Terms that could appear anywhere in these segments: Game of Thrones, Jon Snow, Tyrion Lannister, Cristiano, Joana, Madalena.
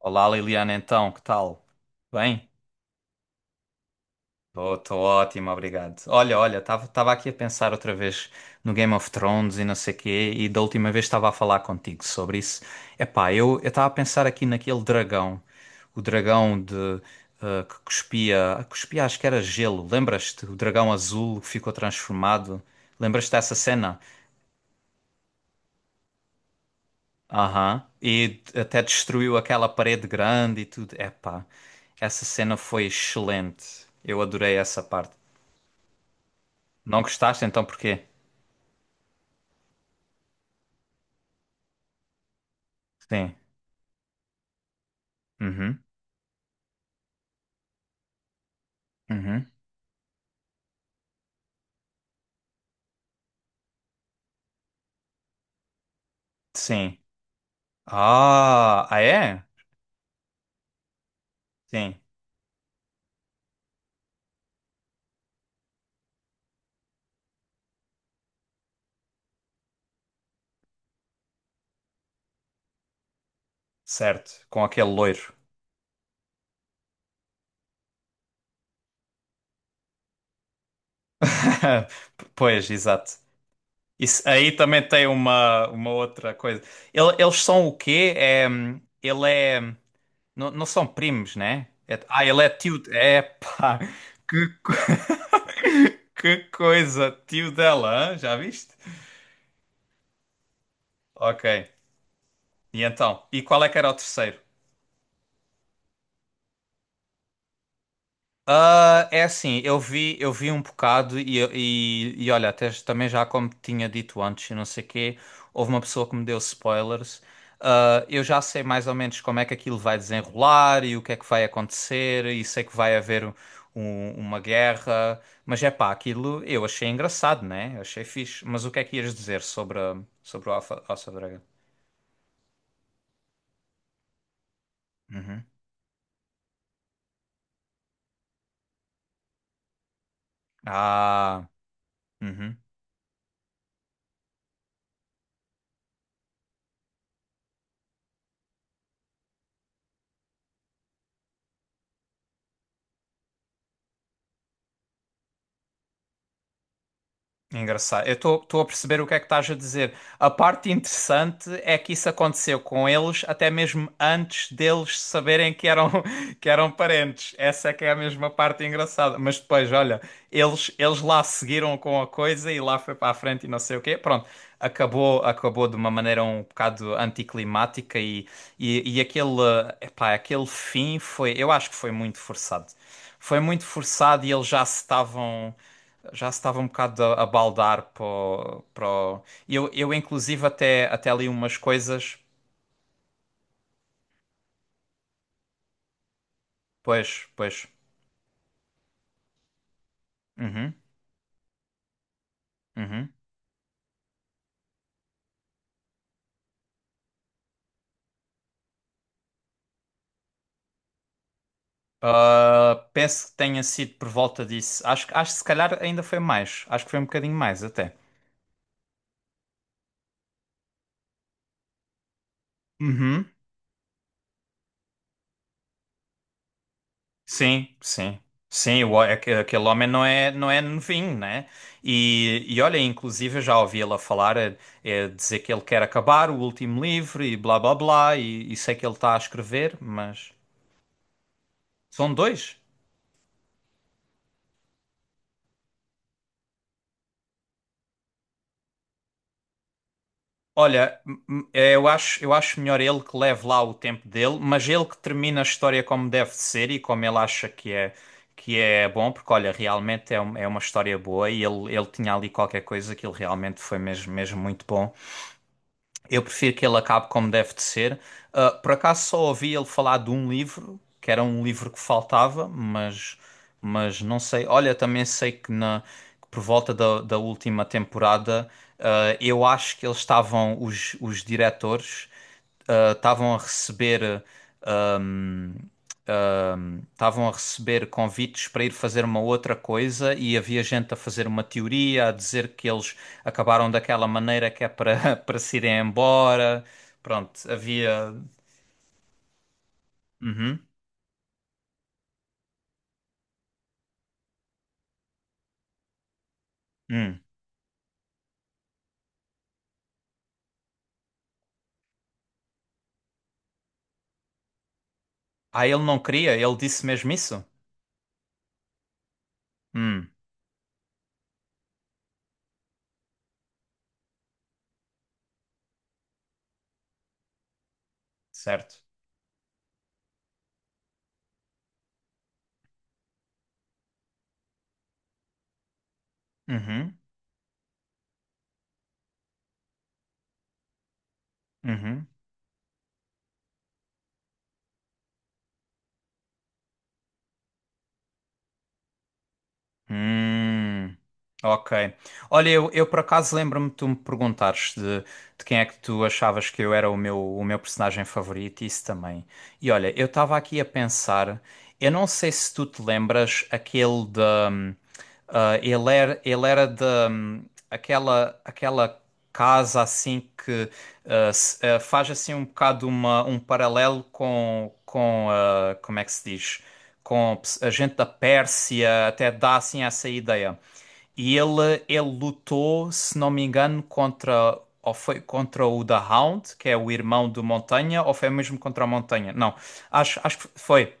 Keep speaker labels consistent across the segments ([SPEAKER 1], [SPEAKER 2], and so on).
[SPEAKER 1] Olá Liliana, então, que tal? Bem? Estou ótimo, obrigado. Olha, estava aqui a pensar outra vez no Game of Thrones e não sei quê, e da última vez estava a falar contigo sobre isso. Epá, eu estava a pensar aqui naquele dragão, o dragão de que cuspia, acho que era gelo. Lembras-te? O dragão azul que ficou transformado. Lembras-te dessa cena? Aham. E até destruiu aquela parede grande e tudo. Epá, essa cena foi excelente. Eu adorei essa parte. Não gostaste então porquê? Sim. Uhum. Uhum. Sim. Ah, ah é? Sim. Certo. Com aquele loiro. Pois, exato. Isso aí também tem uma outra coisa. Eles são o quê? É, ele é. Não, não são primos, né? É, ah, ele é tio. É pá, que, que coisa, tio dela, hã? Já viste? Ok. E então? E qual é que era o terceiro? Ah, é assim, eu vi um bocado e olha, até também já como tinha dito antes, e não sei quê, houve uma pessoa que me deu spoilers. Ah, eu já sei mais ou menos como é que aquilo vai desenrolar e o que é que vai acontecer, e sei que vai haver uma guerra, mas é pá, aquilo eu achei engraçado, né? Achei fixe. Mas o que é que ias dizer sobre, sobre o Alpha, Alpha Dragon? Uhum. Ah, uhum. Engraçado. Eu estou a perceber o que é que estás a dizer. A parte interessante é que isso aconteceu com eles até mesmo antes deles saberem que eram, que eram parentes. Essa é que é a mesma parte engraçada. Mas depois, olha, eles lá seguiram com a coisa e lá foi para a frente e não sei o quê. Pronto, acabou de uma maneira um bocado anticlimática e aquele, epá, aquele fim foi, eu acho que foi muito forçado. Foi muito forçado e eles já se estavam já se estava um bocado a baldar para o. Eu inclusive até li umas coisas, pois, pois, uhum, uhum. Ah, penso que tenha sido por volta disso. Acho, acho que se calhar ainda foi mais. Acho que foi um bocadinho mais até. Uhum. Sim, sim. Sim, o, aquele homem não é, não é novinho, né? E olha, inclusive eu já ouvi ela falar, é, é dizer que ele quer acabar o último livro e blá blá blá, e sei que ele está a escrever, mas são dois. Olha, é, eu acho melhor ele que leve lá o tempo dele, mas ele que termina a história como deve de ser e como ele acha que é bom, porque olha, realmente é, é uma história boa e ele tinha ali qualquer coisa que ele realmente foi mesmo, mesmo muito bom. Eu prefiro que ele acabe como deve de ser. Ah, por acaso só ouvi ele falar de um livro, que era um livro que faltava, mas não sei. Olha, também sei que, na, que por volta da, da última temporada, ah, eu acho que eles estavam, os diretores, ah, estavam a receber. ah, hum, estavam a receber convites para ir fazer uma outra coisa e havia gente a fazer uma teoria, a dizer que eles acabaram daquela maneira que é para para se irem embora. Pronto, havia. Uhum. Hum. Ah, ele não queria, ele disse mesmo isso? Hum, certo. Uhum. Uhum. Hum, ok. Olha, eu por acaso lembro-me de tu me perguntares de quem é que tu achavas que eu era o meu personagem favorito, isso também. E olha, eu estava aqui a pensar, eu não sei se tu te lembras aquele de. Ele era de. Aquela, aquela casa assim que faz assim um bocado uma, um paralelo com como é que se diz? Com a gente da Pérsia, até dá assim essa ideia. E ele lutou, se não me engano, contra ou foi contra o The Hound, que é o irmão do Montanha, ou foi mesmo contra a Montanha? Não, acho, acho que foi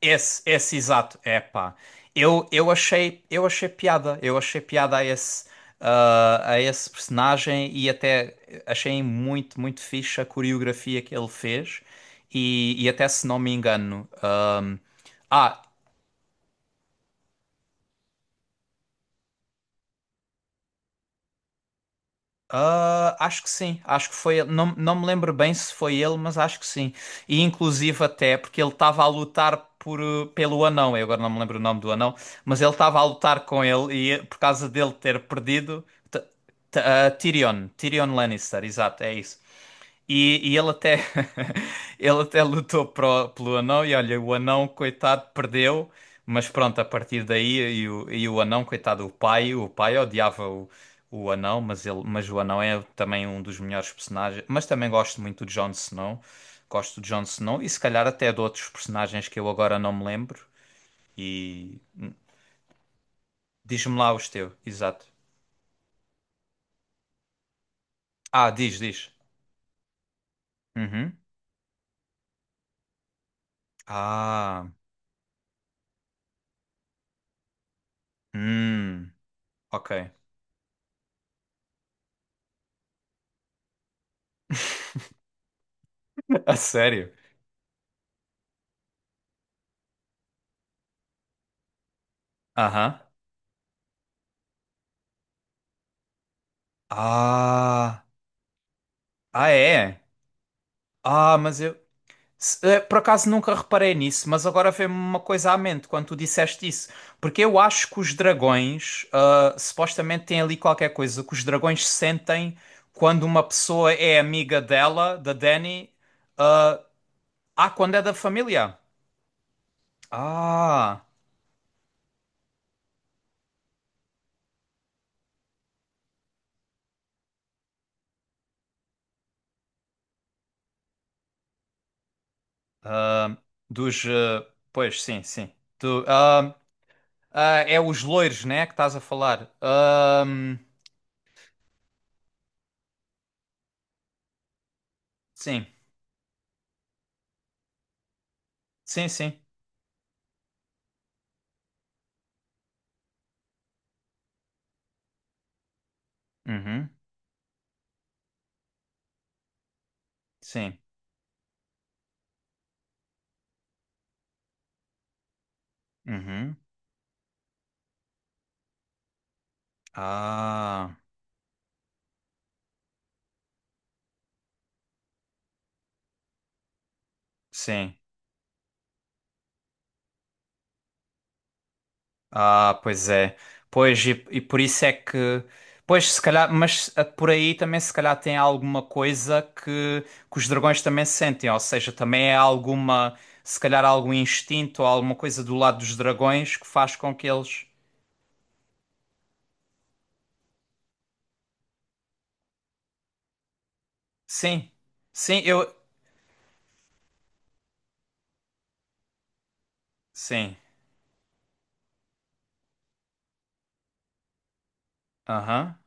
[SPEAKER 1] esse exato. Epá, eu, eu achei piada, eu achei piada a esse, ah, a esse personagem e até achei muito, muito fixe a coreografia que ele fez. E até se não me engano, ah, Ah, acho que sim, acho que foi ele. Não, não me lembro bem se foi ele, mas acho que sim. E inclusive até porque ele estava a lutar por, pelo anão, eu agora não me lembro o nome do anão, mas ele estava a lutar com ele e por causa dele ter perdido, T- Tyrion, Tyrion Lannister, exato, é isso. E ele até ele até lutou pelo anão e olha, o anão, coitado, perdeu, mas pronto, a partir daí e o anão, coitado, o pai odiava o anão, mas ele, mas o anão é também um dos melhores personagens, mas também gosto muito do Jon Snow. Gosto do Jon Snow e se calhar até de outros personagens que eu agora não me lembro. E diz-me lá os teus, exato. Ah, diz, diz. Uhum. Ah, hum, ok. A sério? Aham. Ah, ah é? Ah, mas eu por acaso nunca reparei nisso, mas agora veio-me uma coisa à mente quando tu disseste isso, porque eu acho que os dragões ah, supostamente têm ali qualquer coisa que os dragões sentem quando uma pessoa é amiga dela, da Dani, ah, quando é da família. Ah, ah, dos, ah, pois sim, sim. Do, ah, ah, é os loiros, né, que estás a falar. Ah, sim, sim, sim. Uhum. Sim. Uhum. Ah, sim. Ah, pois é. Pois, e por isso é que. Pois, se calhar, mas ah, por aí também se calhar tem alguma coisa que os dragões também sentem, ou seja, também é alguma, se calhar algum instinto ou alguma coisa do lado dos dragões que faz com que eles. Sim, sim, eu. Sim. Aham.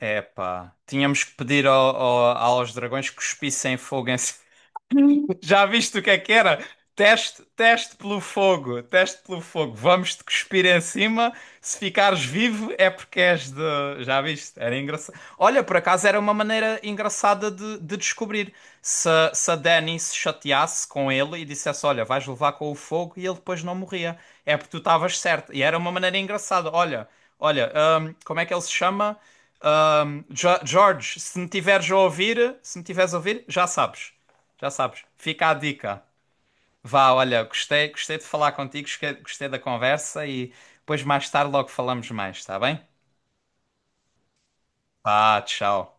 [SPEAKER 1] Epá. Tínhamos que pedir aos dragões que cuspissem fogo em. Já viste o que é que era? Teste pelo fogo, teste pelo fogo. Vamos-te cuspir em cima. Se ficares vivo é porque és de. Já viste? Era engraçado. Olha, por acaso era uma maneira engraçada de descobrir. Se a Dani se chateasse com ele e dissesse: Olha, vais levar com o fogo, e ele depois não morria. É porque tu estavas certo. E era uma maneira engraçada. Olha, olha, como é que ele se chama? George, se me tiveres a ouvir, se me tiveres a ouvir, já sabes. Já sabes. Fica a dica. Vá, olha, gostei, gostei de falar contigo, gostei da conversa e depois mais tarde logo falamos mais, está bem? Vá, tchau.